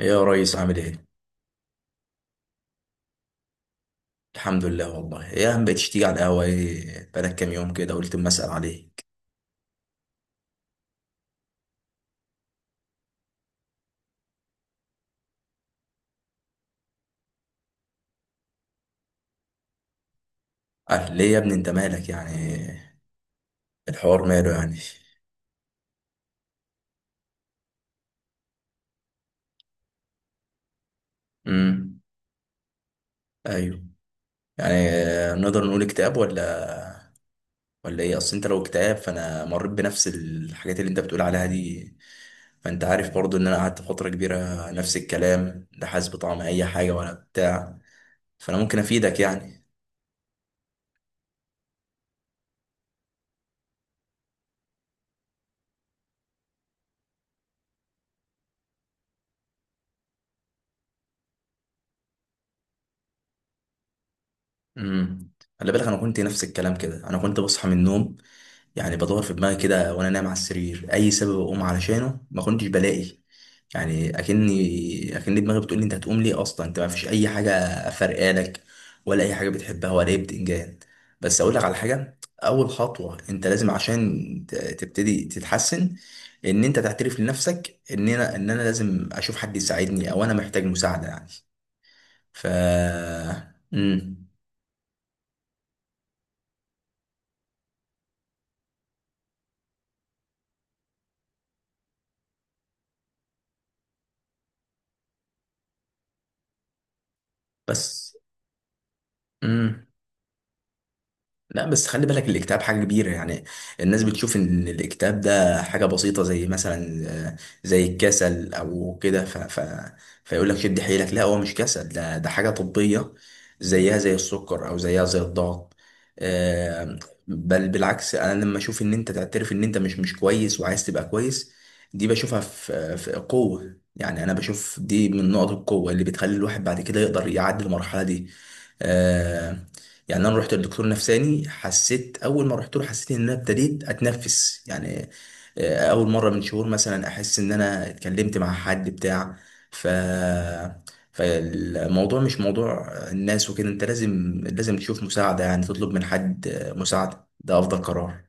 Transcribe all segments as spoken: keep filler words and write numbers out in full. يا ريس عامل ايه؟ الحمد لله والله يا عم بقيتش تيجي على القهوة، ايه بقالك كام يوم كده، قلت اما اسأل عليك. قال ليه يا ابني، انت مالك يعني؟ الحوار ماله يعني؟ امم ايوه. يعني آه، نقدر نقول اكتئاب ولا؟ ولا ايه؟ اصل انت لو اكتئاب، فانا مريت بنفس الحاجات اللي انت بتقول عليها دي. فانت عارف برضو ان انا قعدت فترة كبيرة نفس الكلام، لا حاسس بطعم اي حاجة ولا بتاع. فانا ممكن افيدك يعني. امم خلي بالك، انا كنت نفس الكلام كده، انا كنت بصحى من النوم يعني، بدور في دماغي كده وانا نايم على السرير، اي سبب اقوم علشانه ما كنتش بلاقي. يعني اكني اكن دماغي بتقول لي انت هتقوم ليه اصلا، انت ما فيش اي حاجه فارقالك، ولا اي حاجه بتحبها ولا اي بتنجان. بس اقول لك على حاجه، اول خطوه انت لازم عشان ت- تبتدي تتحسن، ان انت تعترف لنفسك ان انا ان انا لازم اشوف حد يساعدني، او انا محتاج مساعده يعني. ف امم بس امم لا بس خلي بالك، الاكتئاب حاجة كبيرة يعني. الناس بتشوف ان الاكتئاب ده حاجة بسيطة، زي مثلا آه، زي الكسل او كده. ف... ف... فيقول لك شد حيلك. لا، هو مش كسل، ده ده حاجة طبية، زيها زي السكر او زيها زي الضغط. آه، بل بالعكس، انا لما اشوف ان انت تعترف ان انت مش مش كويس وعايز تبقى كويس، دي بشوفها في في قوة، يعني انا بشوف دي من نقط القوة اللي بتخلي الواحد بعد كده يقدر يعدي المرحلة دي. آه، يعني انا رحت لدكتور نفساني، حسيت اول ما رحت له حسيت ان انا ابتديت اتنفس يعني. آه، اول مره من شهور مثلا احس ان انا اتكلمت مع حد بتاع. ف فالموضوع مش موضوع الناس وكده، انت لازم لازم تشوف مساعده يعني، تطلب من حد آه، مساعده، ده افضل قرار.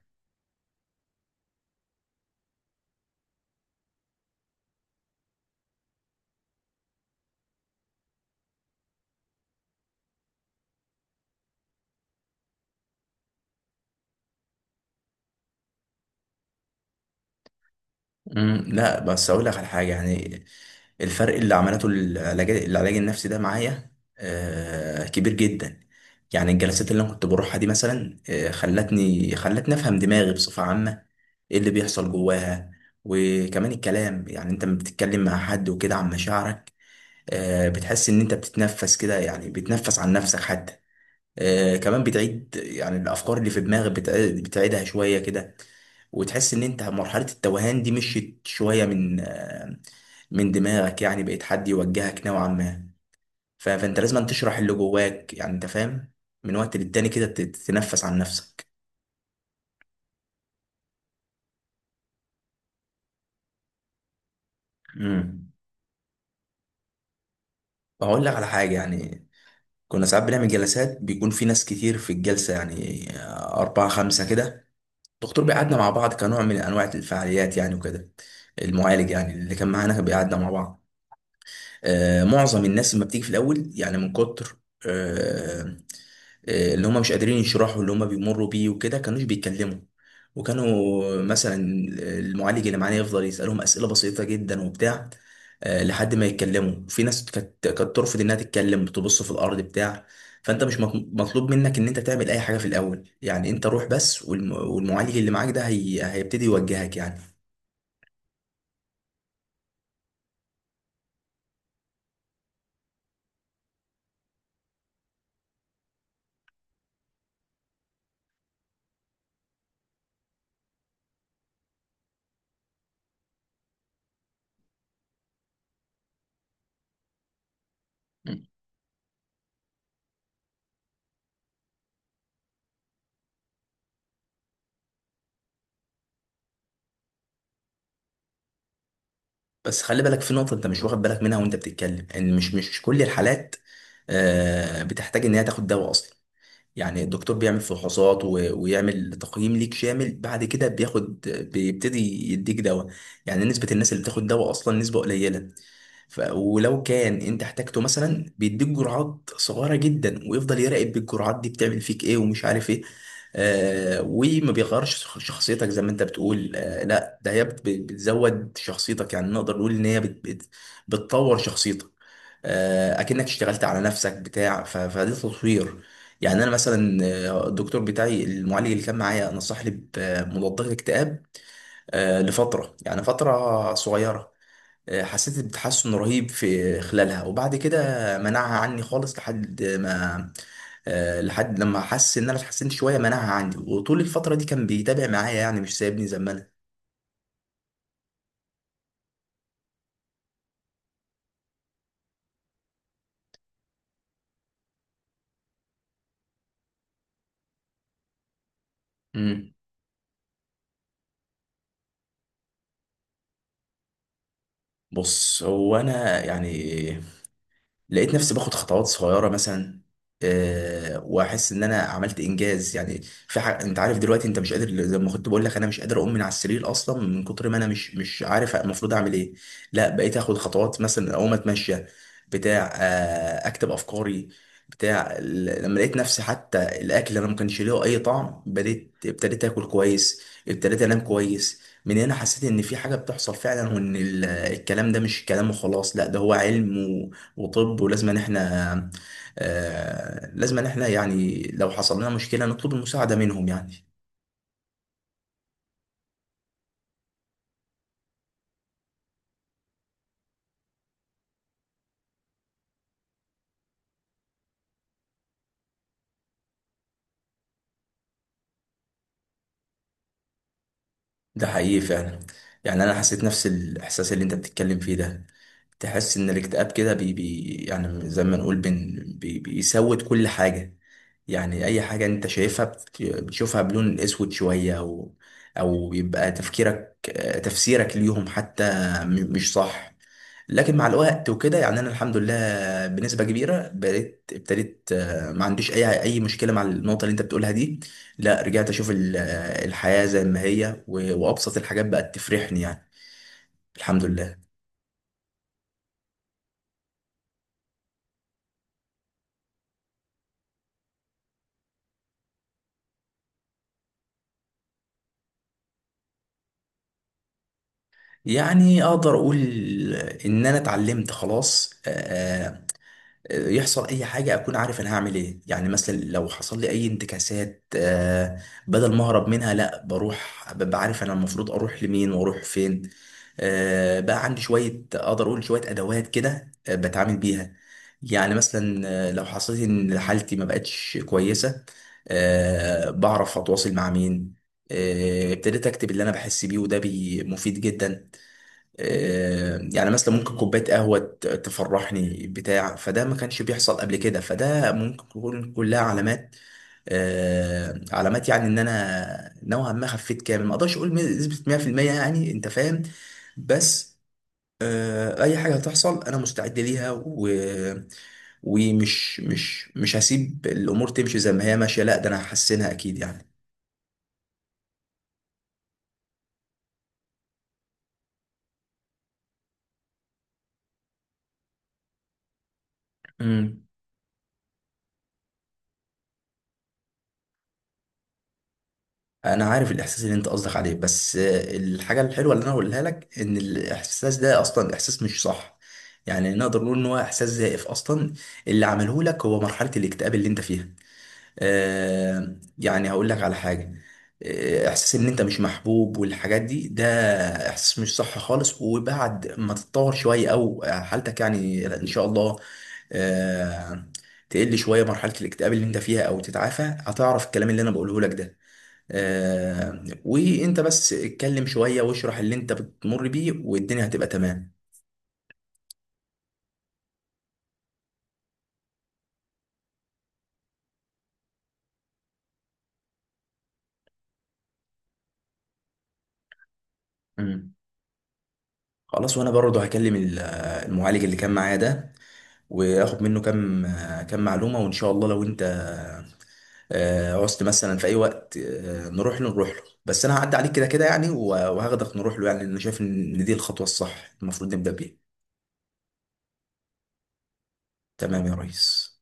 مم، لا بس اقول لك على حاجه يعني. الفرق اللي عملته العلاج العلاج النفسي ده معايا آه، كبير جدا. يعني الجلسات اللي انا كنت بروحها دي مثلا آه، خلتني خلتني افهم دماغي بصفه عامه، ايه اللي بيحصل جواها. وكمان الكلام، يعني انت لما بتتكلم مع حد وكده عن مشاعرك، آه، بتحس ان انت بتتنفس كده يعني، بتنفس عن نفسك حتى. آه، كمان بتعيد يعني الافكار اللي في دماغك، بتعيد- بتعيدها شويه كده، وتحس ان انت مرحلة التوهان دي مشيت شوية من آه، من دماغك يعني، بقيت حد يوجهك نوعا ما. ف- فانت لازم تشرح اللي جواك يعني، انت فاهم، من وقت للتاني كده تت- تتنفس عن نفسك. امم اقول لك على حاجة يعني، كنا ساعات بنعمل جلسات بيكون في ناس كتير في الجلسة، يعني آه، أربعة خمسة كده. الدكتور بيقعدنا مع بعض كنوع من أنواع الفعاليات يعني، وكده المعالج يعني اللي كان معانا بيقعدنا مع بعض. آه، معظم الناس لما بتيجي في الاول، يعني من كتر آه، آه، اللي هم مش قادرين يشرحوا اللي هم بيمروا بيه وكده، كانوش بيتكلموا، وكانوا مثلا المعالج اللي معانا يفضل يسألهم أسئلة بسيطة جدا وبتاع آه، لحد ما يتكلموا. في ناس كانت كانت ترفض انها تتكلم، بتبص في الارض بتاع. فانت مش مط- مطلوب منك ان انت تعمل اي حاجة في الاول يعني، انت روح بس، والم- والمعالج اللي معاك ده هي... هيبتدي يوجهك يعني. بس خلي بالك في نقطة أنت مش واخد بالك منها وأنت بتتكلم، إن مش مش كل الحالات آه، بتحتاج إن هي تاخد دواء أصلا. يعني الدكتور بيعمل فحوصات و- ويعمل تقييم ليك شامل، بعد كده بياخد بيبتدي يديك دواء. يعني نسبة الناس اللي بتاخد دواء أصلا نسبة قليلة. ف... ولو كان انت احتاجته مثلا بيديك جرعات صغيرة جدا، ويفضل يراقب بالجرعات دي بتعمل فيك ايه ومش عارف ايه. آه، وما بيغيرش شخ- شخصيتك زي ما انت بتقول. آه لا، ده هي بت- بتزود شخصيتك، يعني نقدر نقول ان هي بت... بت... بتطور شخصيتك. آه، اكنك اشتغلت على نفسك بتاع. ف- فده تطوير. يعني انا مثلا آه، الدكتور بتاعي المعالج اللي كان معايا نصحني بمضادات اكتئاب آه، لفتره، يعني فتره صغيره. آه، حسيت بتحسن رهيب في خلالها، وبعد كده منعها عني خالص لحد ما آه، لحد لما حس ان انا اتحسنت شويه منعها عندي، وطول الفتره دي كان بيتابع معايا يعني، مش سايبني زي ما انا. مم. بص، هو انا يعني لقيت نفسي باخد خطوات صغيره مثلا، أه، واحس ان انا عملت انجاز يعني في حاجه. انت عارف دلوقتي انت مش قادر، زي ما كنت بقول لك انا مش قادر اقوم من على السرير اصلا، من كتر ما انا مش مش عارف المفروض اعمل ايه. لا، بقيت اخد خطوات مثلا اقوم اتمشى بتاع، أه، اكتب افكاري بتاع. ل- لما لقيت نفسي حتى الاكل اللي انا ما كانش ليه اي طعم، بديت ابتديت اكل كويس، ابتديت انام كويس، من هنا حسيت ان في حاجه بتحصل فعلا، وان ال- الكلام ده مش كلام وخلاص، لا ده هو علم. وطب ولازم ان احنا آه لازم ان احنا يعني لو حصل لنا مشكلة نطلب المساعدة منهم يعني. ده حقيقي فعلا، يعني انا حسيت نفس الاحساس اللي انت بتتكلم فيه ده. تحس ان الاكتئاب كده بي بي يعني زي ما نقول بن بي بيسود كل حاجة. يعني اي حاجة انت شايفها بت- بتشوفها بلون اسود شوية، او او بيبقى تفكيرك، آه، تفسيرك ليهم حتى م- مش صح. لكن مع الوقت وكده يعني انا الحمد لله بنسبة كبيرة بقيت ابتديت آه، ما عنديش اي اي مشكلة مع النقطة اللي انت بتقولها دي. لا، رجعت اشوف ال- آه، الحياة زي ما هي، و- وابسط الحاجات بقت تفرحني يعني. الحمد لله. يعني اقدر اقول ان انا اتعلمت خلاص. آه، آه، يحصل اي حاجه اكون عارف انا هعمل ايه، يعني مثلا لو حصل لي اي انتكاسات آه، بدل ما اهرب منها، لا بروح، ببقى عارف انا المفروض اروح لمين واروح فين. آه، بقى عندي شويه، اقدر اقول شويه ادوات كده آه، بتعامل بيها. يعني مثلا آه، لو حصلت ان حالتي ما بقتش كويسه، آه، بعرف اتواصل مع مين. آه، ابتديت اكتب اللي انا بحس بيه، وده بي- مفيد جدا. آه، يعني مثلا ممكن كوباية قهوة ت- تفرحني بتاع، فده ما كانش بيحصل قبل كده، فده ممكن تكون كلها علامات، آه، علامات يعني ان انا نوعا ما خفيت. كامل ما اقدرش اقول نسبة مية بالمية يعني، انت فاهم. بس آه، اي حاجة هتحصل انا مستعد ليها، و... ومش مش مش هسيب الامور تمشي زي ما هي ماشية، لا ده انا هحسنها اكيد. يعني انا عارف الاحساس اللي انت قصدك عليه، بس آه، الحاجه الحلوه اللي انا هقولها لك ان الاحساس ده اصلا احساس مش صح. يعني نقدر نقول ان هو احساس زائف اصلا، اللي عمله لك هو مرحله الاكتئاب اللي انت فيها. آه، يعني هقول لك على حاجه، آه، احساس ان انت مش محبوب والحاجات دي، ده احساس مش صح خالص، وبعد ما تتطور شويه او حالتك يعني ان شاء الله، آه تقل شويه مرحله الاكتئاب اللي انت فيها او تتعافى، هتعرف الكلام اللي انا بقوله لك ده. آه، وانت بس اتكلم شوية واشرح اللي انت بتمر بيه، والدنيا هتبقى تمام. امم خلاص، وانا برضه هكلم ال- المعالج اللي كان معايا ده، واخد منه كام كام معلومة، وان شاء الله لو انت آه، عوزت مثلا في اي وقت آه، نروح له نروح له، بس انا هعدي عليك كده كده يعني، و- وهاخدك نروح له يعني، لأن انا شايف ان دي الخطوة الصح المفروض نبدأ بيها. تمام يا ريس.